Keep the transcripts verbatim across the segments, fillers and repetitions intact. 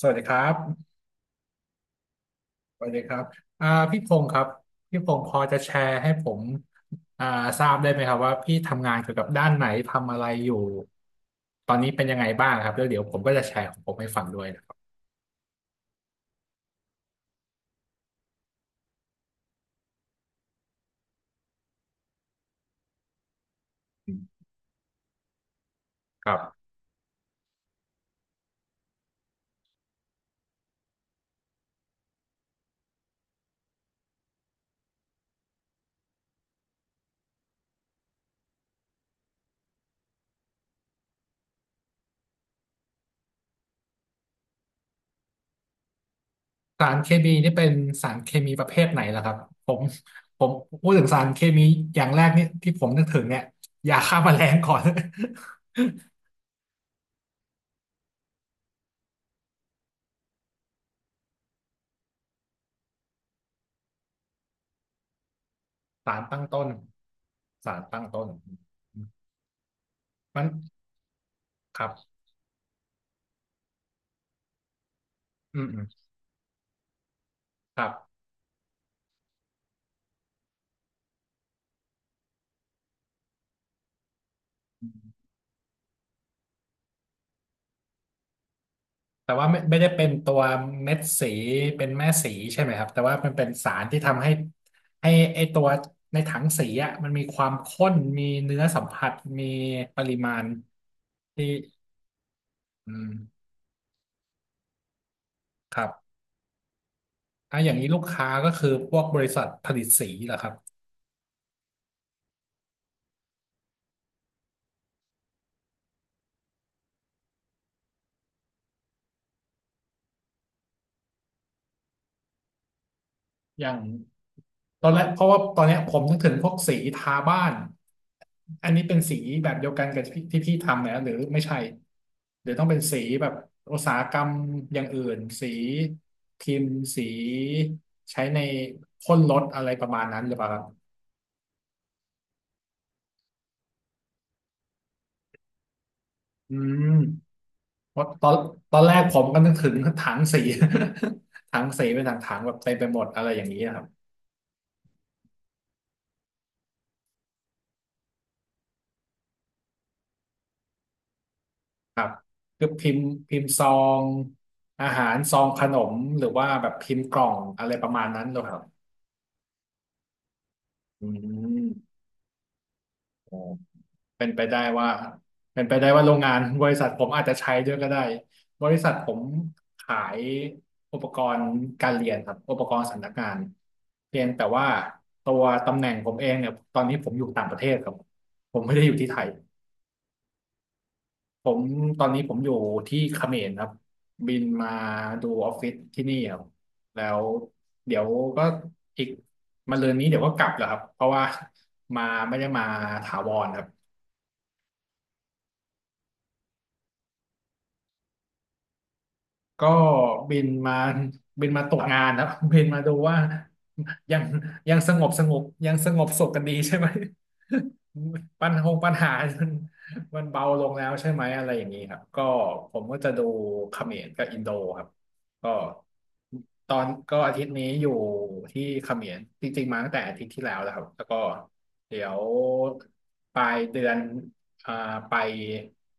สวัสดีครับสวัสดีครับอ่าพี่พงศ์ครับพี่พงศ์พอจะแชร์ให้ผมอ่าทราบได้ไหมครับว่าพี่ทำงานเกี่ยวกับด้านไหนทำอะไรอยู่ตอนนี้เป็นยังไงบ้างครับแล้วเดี๋ยวผมก็จะแชร์ของผมให้ฟังด้วยนะครับอืมครับสารเคมีนี่เป็นสารเคมีประเภทไหนล่ะครับผมผมพูดถึงสารเคมีอย่างแรกนี่ที่ผมนึกถึงเนี่ยยาฆ่าแมลงก่อน สารตั้งต้นสารตั้งต้นมันครับอืมอืมครับ แต่ว่าไม่ไม่ได้เป็นตัวเม็ดสีเป็นแม่สีใช่ไหมครับแต่ว่ามันเป็นสารที่ทำให้ให้ไอตัวในถังสีอ่ะมันมีความข้นมีเนื้อสัมผัสมีปริมาณที่อืมครับอ่ะอย่างนี้ลูกค้าก็คือพวกบริษัทผลิตสีเหรอครับอย่าง ตอนแรกเพราะว่าตอนเนี้ยผมนึกถึงพวกสีทาบ้าน อันนี้เป็นสีแบบเดียวกันกับที่ที่พี่ทำเนี่ยหรือไม่ใช่หรือต้องเป็นสีแบบอุตสาหกรรมอย่างอื่นสีพิมพ์สีใช้ในพ่นรถอะไรประมาณนั้นหรือเปล่าครับอืมเพราะตอนตอนแรกผมก็นึกถึงถังสี ถังสีเป็นถังๆแบบเต็มไปหมดอะไรอย่างนี้ครับ ครับคือพิมพ์พิมพ์ซองอาหารซองขนมหรือว่าแบบพิมพ์กล่องอะไรประมาณนั้นเหรอครับอืมโอ้เป็นไปได้ว่าเป็นไปได้ว่าโรงงานบริษัทผมอาจจะใช้ด้วยก็ได้บริษัทผมขายอุปกรณ์การเรียนครับอุปกรณ์สำนักงานเพียงแต่ว่าตัวตำแหน่งผมเองเนี่ยตอนนี้ผมอยู่ต่างประเทศครับผมไม่ได้อยู่ที่ไทย ผมตอนนี้ผมอยู่ที่เขมรครับบินมาดูออฟฟิศที่นี่ครับแล้วเดี๋ยวก็อีกมาเรือนนี้เดี๋ยวก็กลับแล้วครับเพราะว่ามาไม่ได้มาถาวรครับ ก็บินมาบินมาตกงานแล้ว บินมาดูว่ายังยังสงบสงบยังสงบสุขกันดีใช่ไหม ปัญหาปัญหามันมันเบาลงแล้วใช่ไหมอะไรอย่างนี้ครับก็ผมก็จะดูเขมรกับอินโดครับก็ตอนก็อาทิตย์นี้อยู่ที่เขมรจริงๆมาตั้งแต่อาทิตย์ที่แล้วแล้วครับแล้วก็เดี๋ยวปลายเดือนอ่าไป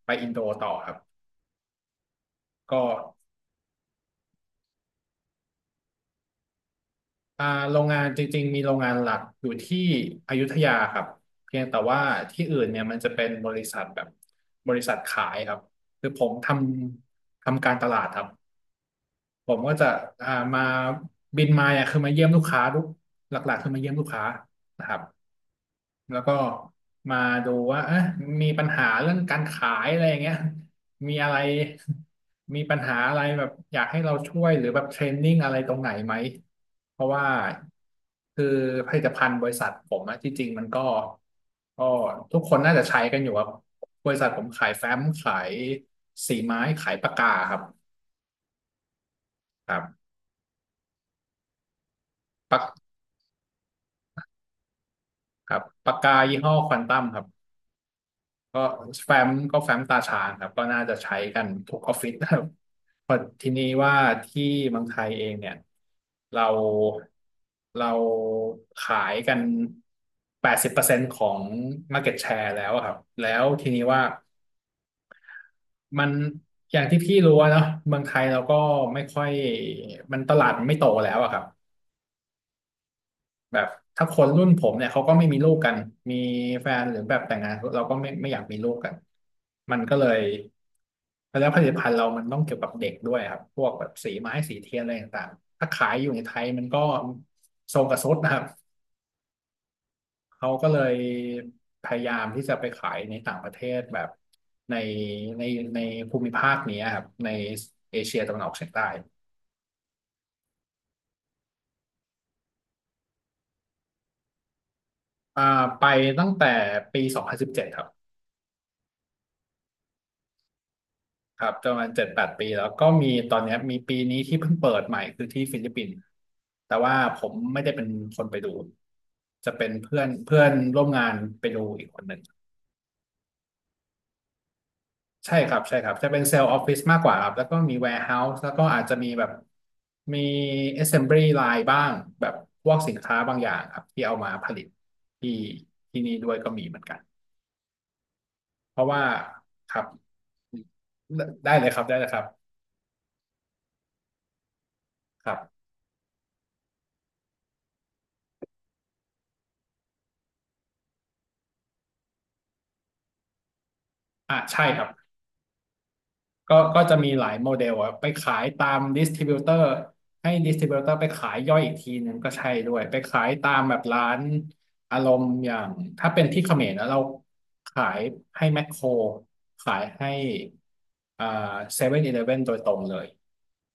ไปอินโดต่อครับก็ อ่าโรงงานจริงๆมีโรงงานหลักอยู่ที่อยุธยาครับเพียงแต่ว่าที่อื่นเนี่ยมันจะเป็นบริษัทแบบบริษัทขายครับคือผมทำทำการตลาดครับผมก็จะอ่ามาบินมาอ่ะคือมาเยี่ยมลูกค้าลูกหลักๆคือมาเยี่ยมลูกค้านะครับ แล้วก็มาดูว่าเอ๊ะมีปัญหาเรื่องการขายอะไรอย่างเงี้ยมีอะไรมีปัญหาอะไรแบบอยากให้เราช่วยหรือแบบเทรนนิ่งอะไรตรงไหนไหมเพราะว่าคือผลิตภัณฑ์บริษัทผมอะที่จริงมันก็ก็ทุกคนน่าจะใช้กันอยู่ครับบริษัทผมขายแฟ้มขายสีไม้ขายปากกาครับครับปากครับปากกายี่ห้อควอนตัมครับ ก็แฟ้มก็แฟ้มตาชาญครับก็น่าจะใช้กันทุกออฟฟิศนะครับเพราะทีนี้ว่าที่เมืองไทยเองเนี่ยเราเราขายกันแปดสิบเปอร์เซ็นต์ของ Market Share แล้วอะครับแล้วทีนี้ว่ามันอย่างที่พี่รู้อะเนาะเมืองไทยเราก็ไม่ค่อยมันตลาดมันไม่โตแล้วอะครับ แบบถ้าคนรุ่นผมเนี่ยเขาก็ไม่มีลูกกันมีแฟนหรือแบบแต่งงานเราก็ไม่ไม่อยากมีลูกกันมันก็เลยแล้วผลิตภัณฑ์เรามันต้องเกี่ยวกับเด็กด้วยครับพวกแบบสีไม้สีเทียนอะไรต่างๆถ้าขายอยู่ในไทยมันก็โซกระซดนะครับเขาก็เลยพยายามที่จะไปขายในต่างประเทศแบบในในในภูมิภาคนี้ครับในเอเชียตะวันออกเฉียงใต้อ่าไปตั้งแต่ปีสองพันสิบเจ็ดครับ ครับประมาณเจ็ดแปดปีแล้วก็มีตอนเนี้ยมีปีนี้ที่เพิ่งเปิดใหม่คือที่ฟิลิปปินส์แต่ว่าผมไม่ได้เป็นคนไปดูจะเป็นเพื่อนเพื่อนร่วมงานไปดูอีกคนหนึ่งใช่ครับใช่ครับจะเป็นเซลล์ออฟฟิศมากกว่าครับแล้วก็มี w ว r e h o าส e แล้วก็อาจจะมีแบบมี assembly line บ้างแบบพวกสินค้าบางอย่างครับที่เอามาผลิตที่ที่นี่ด้วยก็มีเหมือนกันเพราะว่าครับได้เลยครับได้เลยครับครับอ่ะใช่ครับ ก็ก็จะมีหลายโมเดลอะไปขายตามดิสทริบิวเตอร์ให้ดิสทริบิวเตอร์ไปขายย่อยอีกทีนึงก็ใช่ด้วยไปขายตามแบบร้านอารมณ์อย่างถ้าเป็นที่เขมรนะเราขายให้แมคโครขายให้อ่าเซเว่นอีเลฟเว่นโดยตรงเลย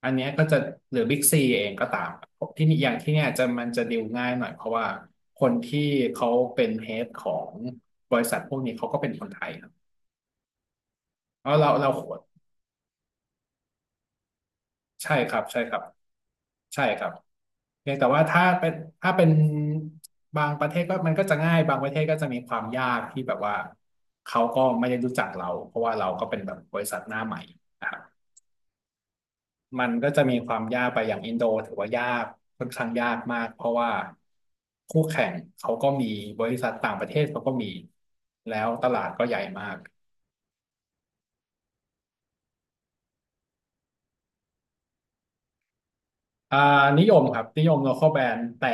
อันเนี้ยก็จะหรือบิ๊กซีเองก็ตามที่นี่อย่างที่เนี่ยจะมันจะดีลง่ายหน่อยเพราะว่าคนที่เขาเป็นเฮดของบริษัทพวกนี้เขาก็เป็นคนไทยครับเอาเราเรา ใช่ครับใช่ครับใช่ครับเพียงแต่ว่าถ้าเป็นถ้าเป็นบางประเทศก็มันก็จะง่ายบางประเทศก็จะมีความยากที่แบบว่าเขาก็ไม่ได้รู้จักเราเพราะว่าเราก็เป็นแบบบริษัทหน้าใหม่นะครับมันก็จะมีความยากไปอย่างอินโดถือว่ายากค่อนข้างยากมากเพราะว่าคู่แข่งเขาก็มีบริษัทต่างประเทศเขาก็มีแล้วตลาดก็ใหญ่มาก อ่านิยมครับนิยม local brand แต่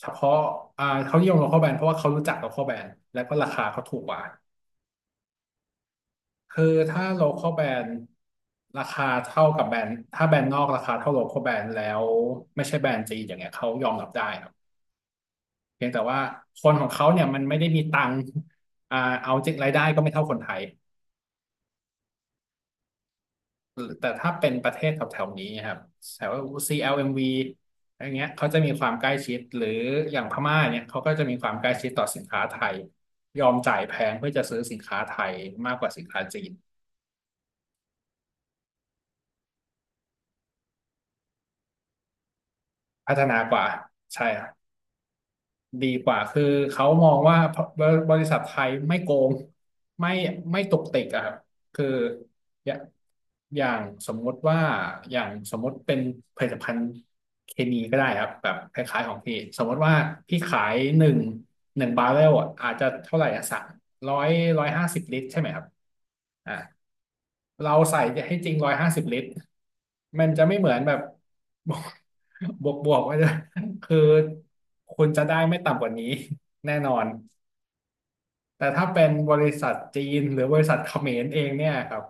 เฉพาะอ่าเขานิยม local brand เพราะว่าเขารู้จัก local brand แล้วก็ราคาเขาถูกกว่าคือถ้า local brand ราคาเท่ากับแบรนด์ถ้าแบรนด์นอกราคาเท่า local brand แล้วไม่ใช่แบรนด์จีนอย่างเงี้ยเขายอมรับได้ครับเพียงแต่ว่าคนของเขาเนี่ยมันไม่ได้มีตังค์อ่าเอาจริงรายได้ก็ไม่เท่าคนไทย แต่ถ้าเป็นประเทศแถวๆนี้ครับแถว ซี แอล เอ็ม วี อลเอ็มวีอะไรเงี้ยเขาจะมีความใกล้ชิดหรืออย่างพม่าเนี่ยเขาก็จะมีความใกล้ชิดต่อสินค้าไทยยอมจ่ายแพงเพื่อจะซื้อสินค้าไทยมากกว่าสินค้าจีนพัฒนากว่าใช่ครับ ดีกว่าคือเขามองว่าบบริษัทไทยไม่โกงไม่ไม่ตุกติกอะครับคืออย่าอย่างสมมติว่าอย่างสมมติเป็นผลิตภัณฑ์เคมีก็ได้ครับแบบคล้ายๆของพี่สมมติว่าพี่ขายหนึ่งหนึ่งบาร์เรลอะอาจจะเท่าไหร่อะสักร้อยร้อยห้าสิบลิตรใช่ไหมครับอ่าเราใส่ให้จริงร้อยห้าสิบลิตรมันจะไม่เหมือนแบบ บวกบวกไว้เลย คือคุณจะได้ไม่ต่ำกว่านี้ แน่นอนแต่ถ้าเป็นบริษัทจีนหรือบริษัทเขมรเองเนี่ยครับ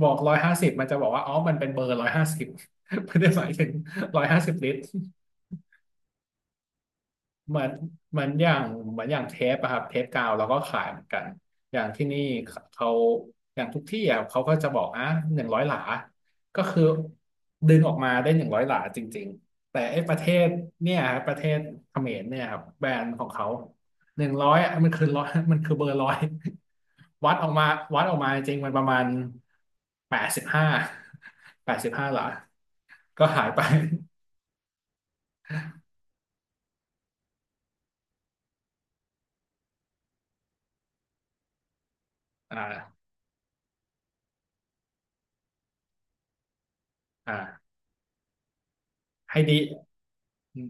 บอกร้อยห้าสิบมันจะบอกว่าอ๋อมันเป็นเบอร์ร้อยห้าสิบ ไม่ได้หมายถึงร้อยห้าสิบลิตร เหมือนเหมือนอย่างเหมือนอย่างเทปอะครับเทปกาวเราก็ขายเหมือนกันอย่างที่นี่เขาอย่างทุกที่อะเขาก็จะบอกอ่ะหนึ่งร้อยหลาก็คือดึงออกมาได้หนึ่งร้อยหลาจริงๆแต่ไอ้ประเทศเนี่ยครับประเทศเขมรเนี่ยครับแบรนด์ของเขาหนึ่งร้อยมันคือร้อย มันคือเบอร์ร้อยวัดออกมาวัดออกมาจริงมันประมาณแปดสิบห้าแปดสิบห้าหลาก็หายไป อ่าอ่าให้ดีอืม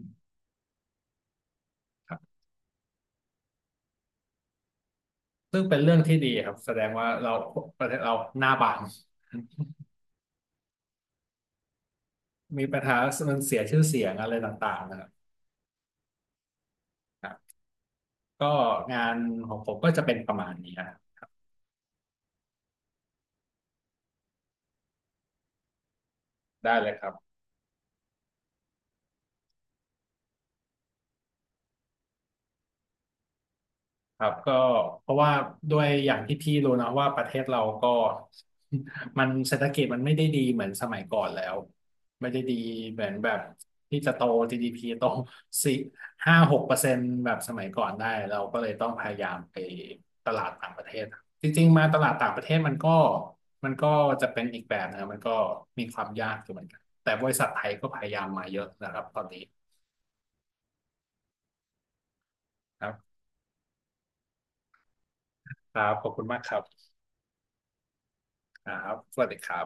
ซึ่งเป็นเรื่องที่ดีครับแสดงว่าเราประเทศเราหน้าบานมีปัญหามันเสียชื่อเสียงอะไรต่างๆนะครับครับก็งานของผมก็จะเป็นประมาณนี้ครับได้เลยครับ ครับก็เพราะว่าด้วยอย่างที่พี่รู้นะว่าประเทศเราก็ มันเศรษฐกิจมันไม่ได้ดีเหมือนสมัยก่อนแล้วไม่ได้ดีเหมือนแบบที่จะโต จี ดี พี โตสี่ห้าหกเปอร์เซ็นต์แบบสมัยก่อนได้เราก็เลยต้องพยายามไปตลาดต่างประเทศจริงๆมาตลาดต่างประเทศมันก็มันก็จะเป็นอีกแบบนะมันก็มีความยากอยู่เหมือนกันแต่บริษัทไทยก็พยายามมาเยอะนะครับตอนนี้ครับครับขอบคุณมากครับครับสวัสดีครับ